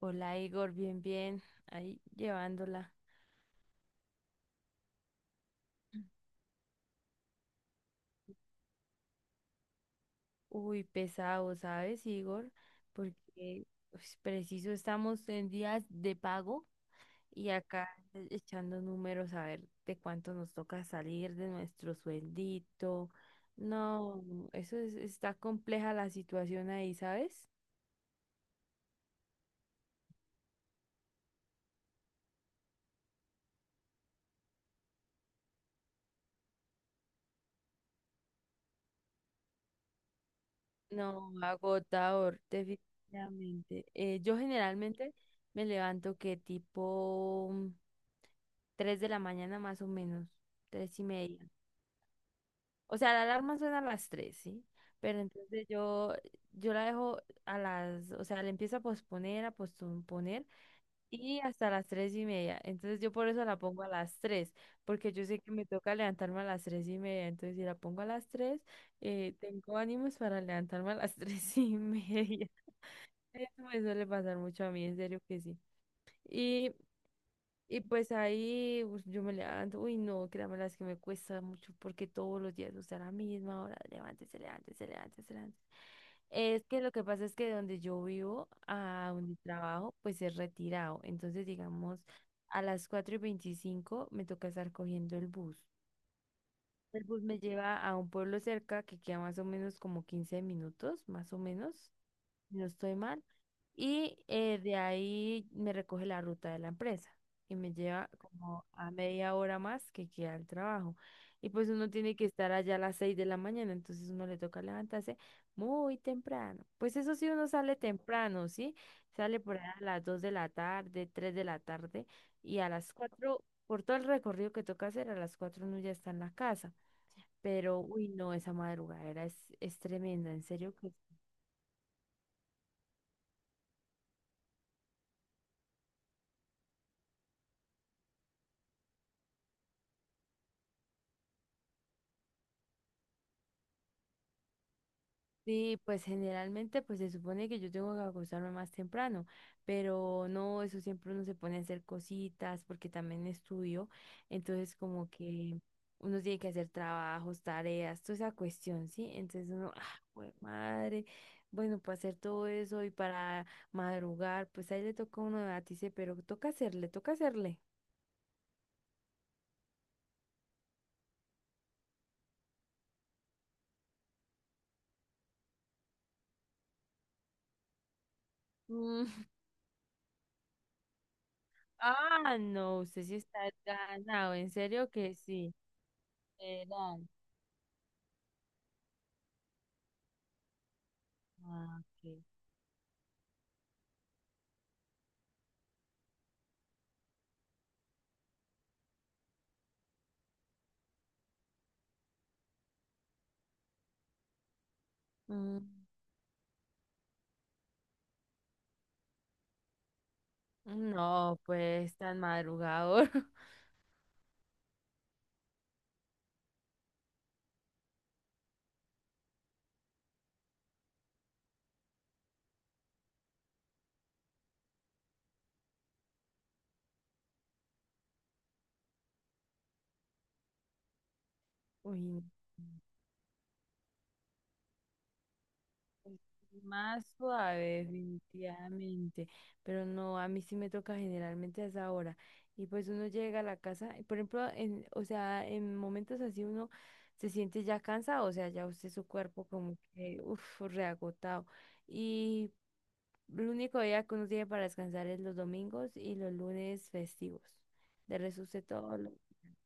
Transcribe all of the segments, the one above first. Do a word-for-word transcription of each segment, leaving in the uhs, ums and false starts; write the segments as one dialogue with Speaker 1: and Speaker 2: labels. Speaker 1: Hola Igor, bien, bien, ahí llevándola. Uy, pesado, ¿sabes, Igor? Porque pues, preciso estamos en días de pago y acá e- echando números a ver de cuánto nos toca salir de nuestro sueldito. No, eso es- está compleja la situación ahí, ¿sabes? No, agotador, definitivamente. Eh, yo generalmente me levanto que tipo tres de la mañana, más o menos, tres y media. O sea, la alarma suena a las tres, ¿sí? Pero entonces yo, yo la dejo a las, o sea, la empiezo a posponer, a posponer y hasta las tres y media. Entonces yo por eso la pongo a las tres, porque yo sé que me toca levantarme a las tres y media. Entonces si la pongo a las tres, eh, tengo ánimos para levantarme a las tres y media. Eso me suele pasar mucho a mí, en serio que sí. Y y pues ahí pues, yo me levanto, uy no, créanme las que me cuesta mucho, porque todos los días, o sea, a la misma hora, levántese, levántese, levántese, levántese. Es que lo que pasa es que de donde yo vivo a donde trabajo, pues es retirado. Entonces, digamos, a las cuatro y veinticinco me toca estar cogiendo el bus. El bus me lleva a un pueblo cerca que queda más o menos como quince minutos, más o menos, si no estoy mal. Y eh, de ahí me recoge la ruta de la empresa y me lleva como a media hora más, que queda el trabajo. Y pues uno tiene que estar allá a las seis de la mañana, entonces uno le toca levantarse muy temprano. Pues eso sí, uno sale temprano, ¿sí? Sale por ahí a las dos de la tarde, tres de la tarde, y a las cuatro, por todo el recorrido que toca hacer, a las cuatro uno ya está en la casa. Pero, uy, no, esa madrugadera es, es tremenda, en serio que sí. Pues generalmente, pues, se supone que yo tengo que acostarme más temprano, pero no, eso siempre uno se pone a hacer cositas porque también estudio, entonces como que uno tiene que hacer trabajos, tareas, toda esa cuestión, ¿sí? Entonces uno, ah, jue madre, bueno, para hacer todo eso y para madrugar, pues ahí le toca a uno debatirse, pero toca hacerle, toca hacerle. Ah, no, usted sí está ganado, en serio que sí. Eran. Ah, ok. Mm. No, pues tan madrugador. Uy, no. Más suave, definitivamente. Pero no, a mí sí me toca generalmente a esa hora. Y pues uno llega a la casa, y por ejemplo, en, o sea, en momentos así uno se siente ya cansado, o sea, ya usted su cuerpo como que, uff, reagotado. Y el único día que uno tiene para descansar es los domingos y los lunes festivos. De resto, usted todo lo...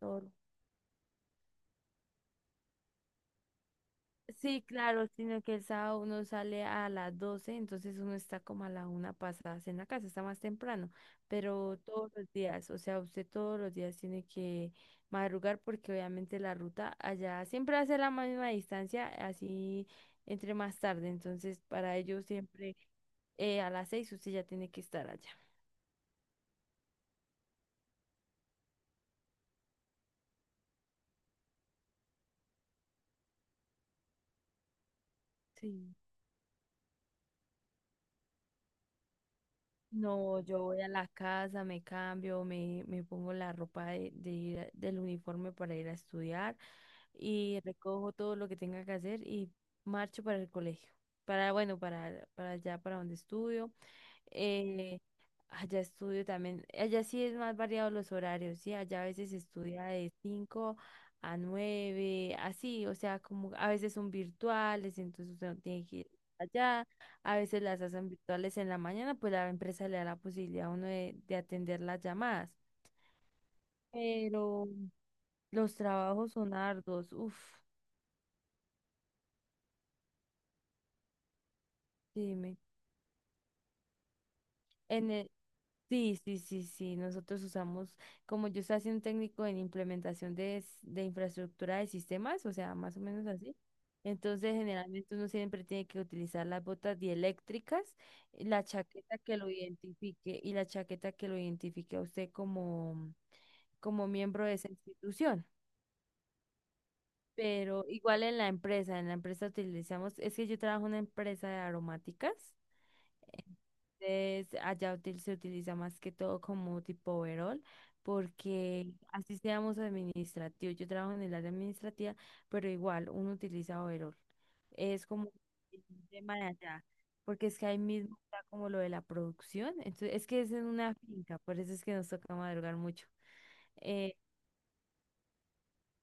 Speaker 1: todo. Sí, claro, sino que el sábado uno sale a las doce, entonces uno está como a la una pasadas en la casa, está más temprano, pero todos los días, o sea, usted todos los días tiene que madrugar, porque obviamente la ruta allá siempre hace la misma distancia, así entre más tarde, entonces para ellos siempre eh, a las seis usted ya tiene que estar allá. Sí. No, yo voy a la casa, me cambio, me, me pongo la ropa de, de ir a- del uniforme, para ir a estudiar, y recojo todo lo que tenga que hacer y marcho para el colegio. Para, bueno, para, para allá, para donde estudio. Eh, allá estudio también. Allá sí es más variado los horarios, ¿sí? Allá a veces se estudia de cinco a nueve así, o sea, como a veces son virtuales, entonces usted no tiene que ir allá. A veces las hacen virtuales en la mañana, pues la empresa le da la posibilidad a uno de, de atender las llamadas. Pero los trabajos son arduos, uff. Dime. En el, sí, sí, sí, sí. Nosotros usamos, como yo estoy haciendo técnico en implementación de, s- de infraestructura de sistemas, o sea, más o menos así. Entonces, generalmente uno siempre tiene que utilizar las botas dieléctricas, eh, la chaqueta que lo identifique y la chaqueta que lo identifique a usted como, como miembro de esa institución. Pero igual en la empresa, en la empresa utilizamos, es que yo trabajo en una empresa de aromáticas. Es- allá util- se utiliza más que todo como tipo overall, porque así seamos administrativos. Yo trabajo en el área administrativa, pero igual uno utiliza overall. Es como un tema de allá, porque es que ahí mismo está como lo de la producción. Entonces, es que es en una finca, por eso es que nos toca madrugar mucho. Eh,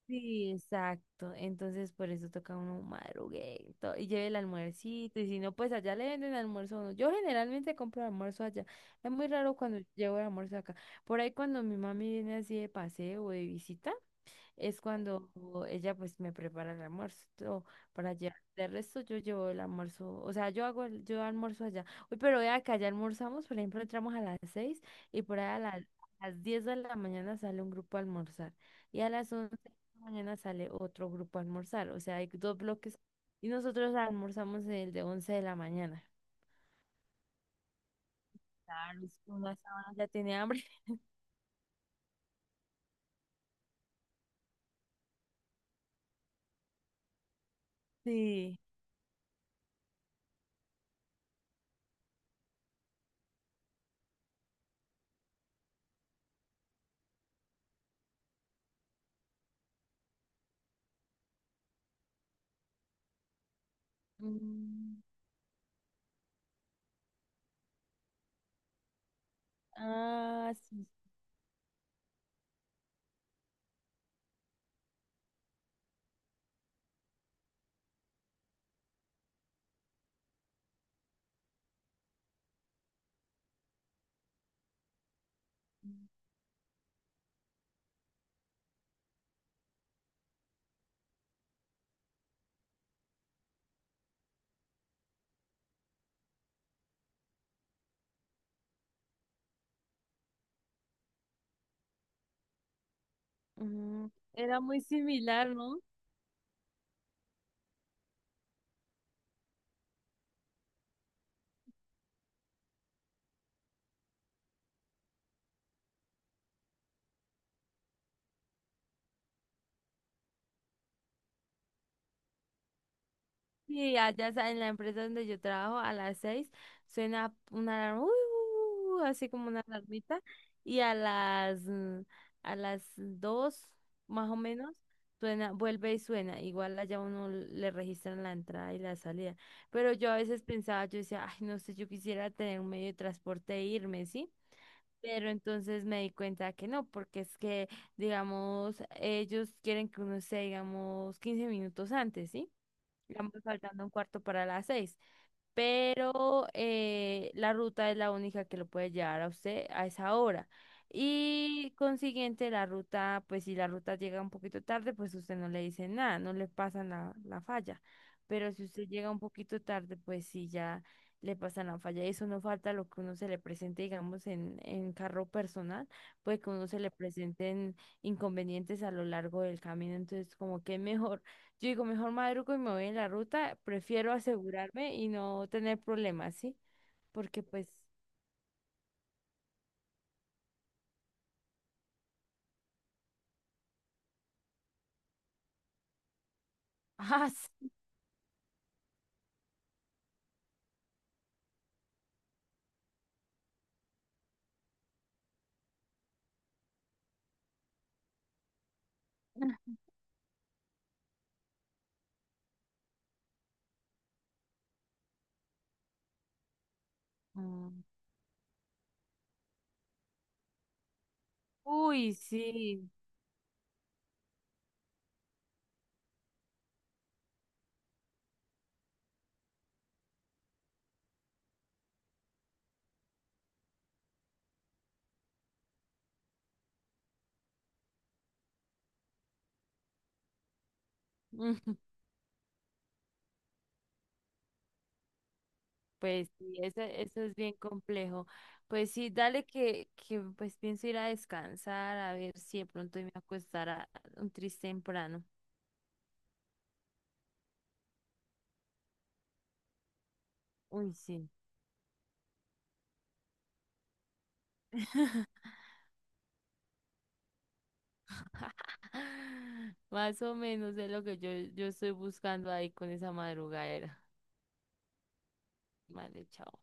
Speaker 1: Sí, exacto. Entonces, por eso toca uno madruguito y lleve el almuercito. Y si no, pues allá le venden almuerzo a uno. Yo generalmente compro almuerzo allá. Es muy raro cuando llevo el almuerzo acá. Por ahí, cuando mi mami viene así de paseo o de visita es cuando ella, pues, me prepara el almuerzo para llevar. De resto yo llevo el almuerzo, o sea, yo hago el, yo almuerzo allá. Uy, pero vea que allá almorzamos, por ejemplo, entramos a las seis y por ahí a, la- a las diez de la mañana sale un grupo a almorzar, y a las once de la mañana sale otro grupo a almorzar, o sea, hay dos bloques y nosotros almorzamos el de once de la mañana. Claro, es que uno a esa hora ya tiene hambre. Sí. Mm, ah, sí. Mm, era muy similar, ¿no? Sí, allá sa- en la empresa donde yo trabajo a las seis suena una alarma, uy, uy, uy, así como una alarmita, y a las mm, a las dos, más o menos, suena, vuelve y suena. Igual allá uno le registran la entrada y la salida. Pero yo a veces pensaba, yo decía, ay, no sé, yo quisiera tener un medio de transporte e irme, ¿sí? Pero entonces me di cuenta que no, porque es que, digamos, ellos quieren que uno esté, digamos, quince minutos antes, ¿sí? Digamos, faltando un cuarto para las seis. Pero eh, la ruta es la única que lo puede llevar a usted a esa hora. Y consiguiente, la ruta, pues si la ruta llega un poquito tarde, pues usted no le dice nada, no le pasan la, la falla. Pero si usted llega un poquito tarde, pues sí ya le pasan la falla. Eso no falta lo que uno se le presente, digamos, en, en carro personal, pues que uno se le presenten inconvenientes a lo largo del camino. Entonces, como que es mejor, yo digo, mejor madrugo y me voy en la ruta, prefiero asegurarme y no tener problemas, ¿sí? Porque pues, ah, sí. Ah. Uy, sí. Ujú, pues sí, eso, eso es bien complejo. Pues sí, dale que, que pues pienso ir a descansar, a ver si de pronto me acostará un triste temprano. Uy, sí. Más o menos es lo que yo, yo estoy buscando ahí con esa madrugadera. Vale, chao.